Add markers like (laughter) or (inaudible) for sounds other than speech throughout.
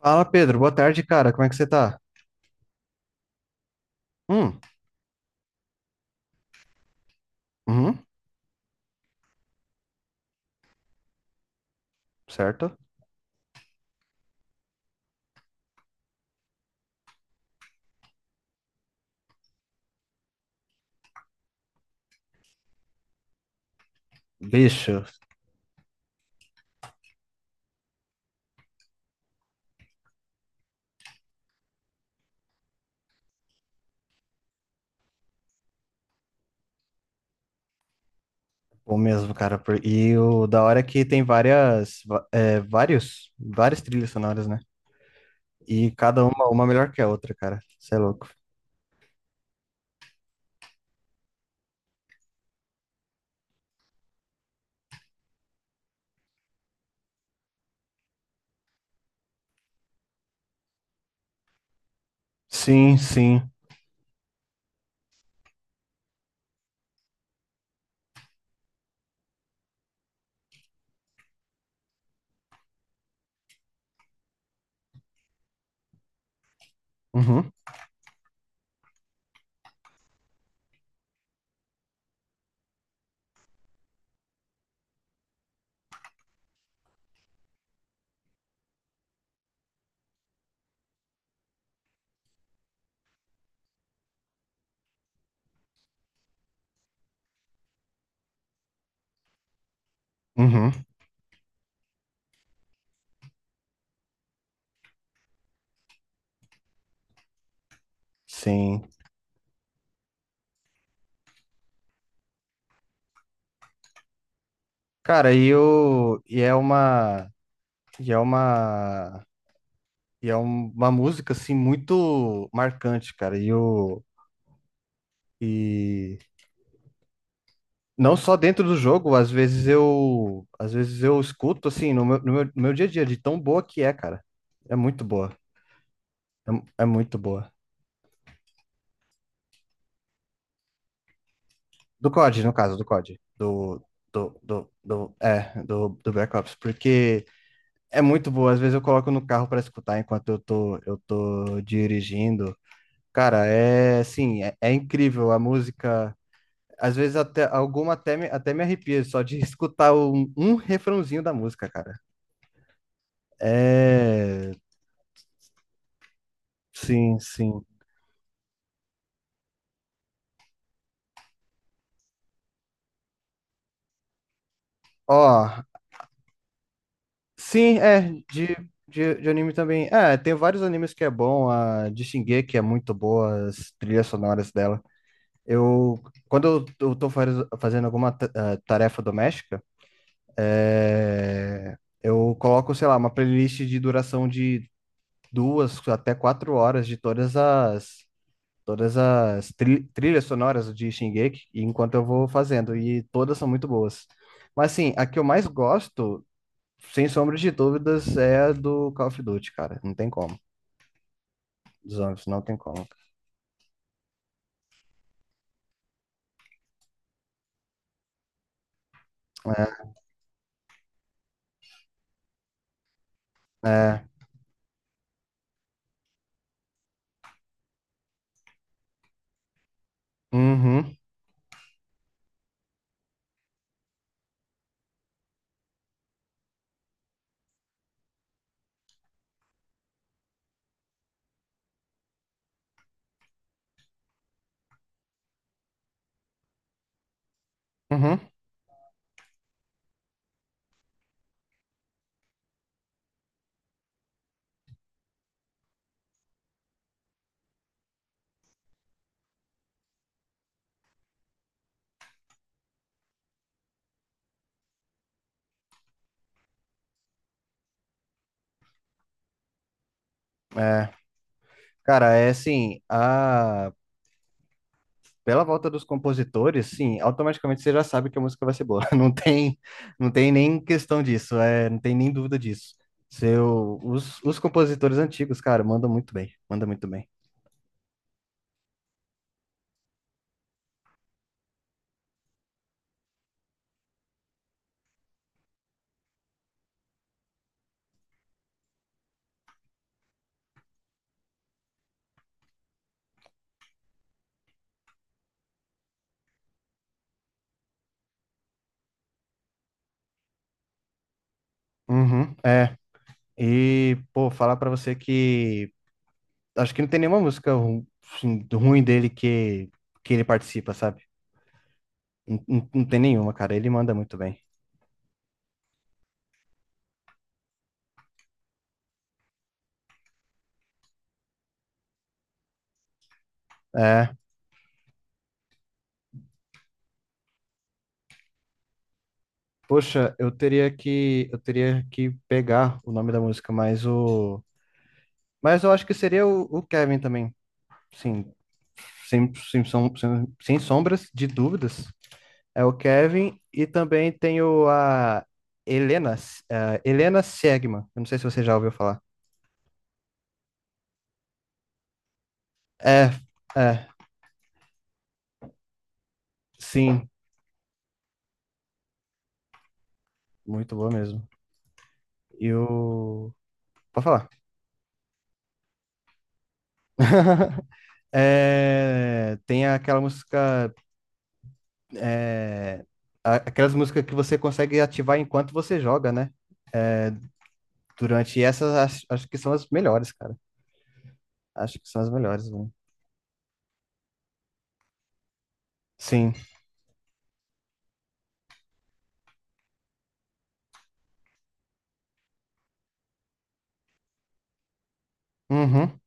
Fala, Pedro. Boa tarde, cara. Como é que você tá? Hum. Uhum. Certo. Bicho, bom mesmo, cara. E o da hora é que tem várias, várias trilhas sonoras, né? E cada uma melhor que a outra, cara. Você é louco. Sim, sim. Uhum, uhum, sim. Cara, e é uma, e é uma, e é um- uma música, assim, muito marcante, cara. Não só dentro do jogo, às vezes eu escuto assim no meu dia a dia de tão boa que é, cara. É muito boa. É muito boa. Do COD, no caso, do COD. Do Black Ops, porque é muito boa. Às vezes eu coloco no carro para escutar enquanto eu tô dirigindo. Cara, é assim, é incrível a música. Às vezes até alguma até me arrepia só de (laughs) escutar um refrãozinho da música, cara. É. Sim, sim. Ó, sim, é, de, de anime também. É, tem vários animes que é bom, a de Shingeki é muito boa, as trilhas sonoras dela. Eu, Quando eu tô fazendo alguma tarefa doméstica, eu coloco, sei lá, uma playlist de duração de 2 até 4 horas de todas as trilhas sonoras de Shingeki, enquanto eu vou fazendo, e todas são muito boas. Mas assim, a que eu mais gosto sem sombra de dúvidas, é a do Call of Duty, cara. Não tem como. Dos zombies, não tem como. É, é, uhum, uhum, é. Cara, é assim, pela volta dos compositores, sim, automaticamente você já sabe que a música vai ser boa. (laughs) Não tem nem questão disso, é, não tem nem dúvida disso. Os os, compositores antigos, cara, mandam muito bem, mandam muito bem. Uhum, é. E, pô, falar pra você que acho que não tem nenhuma música assim, ruim dele que ele participa, sabe? Não, não tem nenhuma, cara. Ele manda muito bem. É. Poxa, eu teria que pegar o nome da música, mas eu acho que seria o Kevin também. Sim, sem sombras de dúvidas. É o Kevin e também tem o a Helena, Helena Segman. Eu não sei se você já ouviu falar. É, é, sim, muito boa mesmo. E o Pode falar. (laughs) É, tem aquela música, aquelas músicas que você consegue ativar enquanto você joga, né? Durante essas, acho que são as melhores, cara. Acho que são as melhores, né? Sim. Uhum.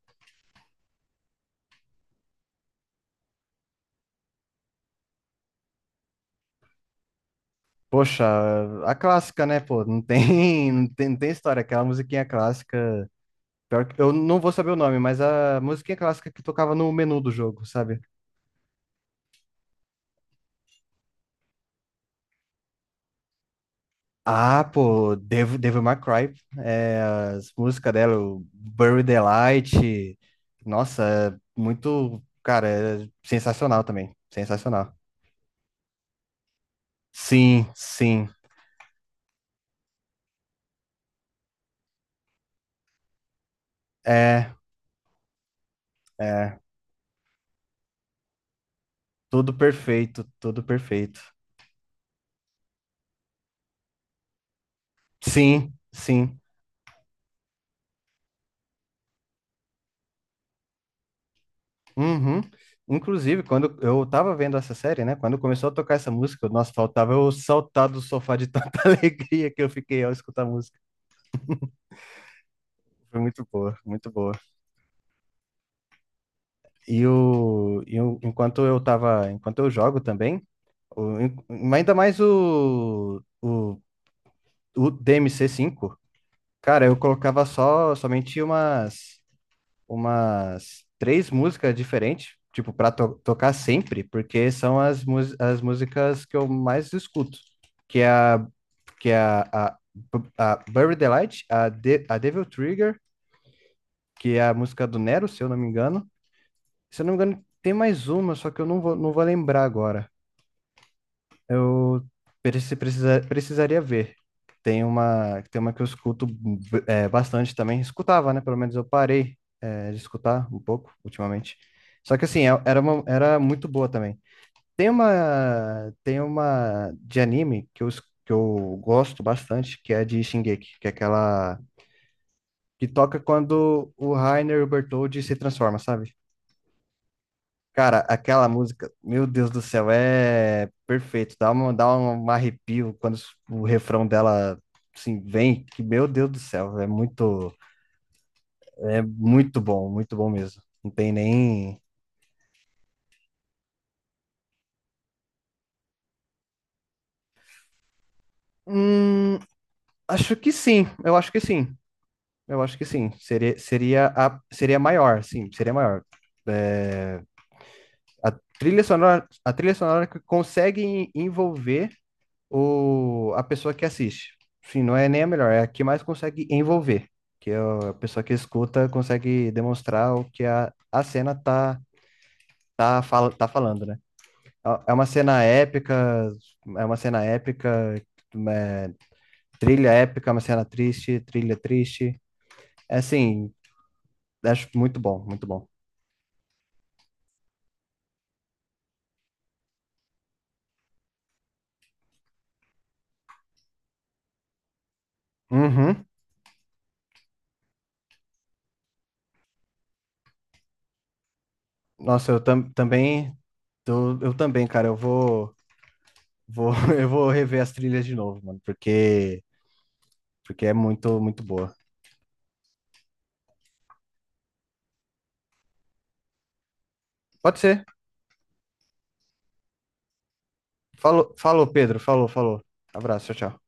Poxa, a clássica, né, pô? Não tem, (laughs) não tem história. Aquela musiquinha clássica. Pior que, eu não vou saber o nome, mas a musiquinha clássica que tocava no menu do jogo, sabe? Ah, pô, Devil May Cry, é, as músicas dela, o Buried the Light, nossa, é muito, cara, é sensacional também, sensacional. Sim, sim, é, é, tudo perfeito, tudo perfeito. Sim, sim, uhum. Inclusive, quando eu tava vendo essa série, né, quando começou a tocar essa música, nossa, faltava eu saltar do sofá de tanta (laughs) alegria que eu fiquei ao escutar a música. Foi muito boa, muito boa. Enquanto eu jogo também, o- en- ainda mais o DMC 5, cara, eu colocava só somente umas três músicas diferentes, tipo para tocar sempre, porque são as músicas que eu mais escuto, que é a Bury the Light, a Devil Trigger, que é a música do Nero, se eu não me engano. Se eu não me engano, tem mais uma, só que eu não vou, lembrar agora. Eu precisaria ver. Tem uma que eu escuto, bastante também. Escutava, né? Pelo menos eu parei, de escutar um pouco ultimamente. Só que assim, era muito boa também. Tem uma de anime que eu gosto bastante, que é de Shingeki, que é aquela que toca quando o Reiner e o Bertholdt se transformam, sabe? Cara, aquela música, meu Deus do céu, é perfeito. Dá um arrepio quando o refrão dela, assim, vem, que meu Deus do céu, é muito bom mesmo. Não tem nem. Hum, acho que sim, eu acho que sim. Eu acho que sim. Seria maior, sim, seria maior. A a trilha sonora que consegue envolver a pessoa que assiste. Sim, não é nem a melhor, é a que mais consegue envolver, que é a pessoa que escuta consegue demonstrar o que a cena tá falando, né? É uma cena épica, é uma cena épica, é, trilha épica, uma cena triste, trilha triste. É assim, acho muito bom, muito bom. Uhum. Nossa, também, eu também, cara, vou, (laughs) eu vou rever as trilhas de novo, mano, porque é muito, muito boa. Pode ser. Falou, falou, Pedro. Falou, falou. Abraço, tchau, tchau.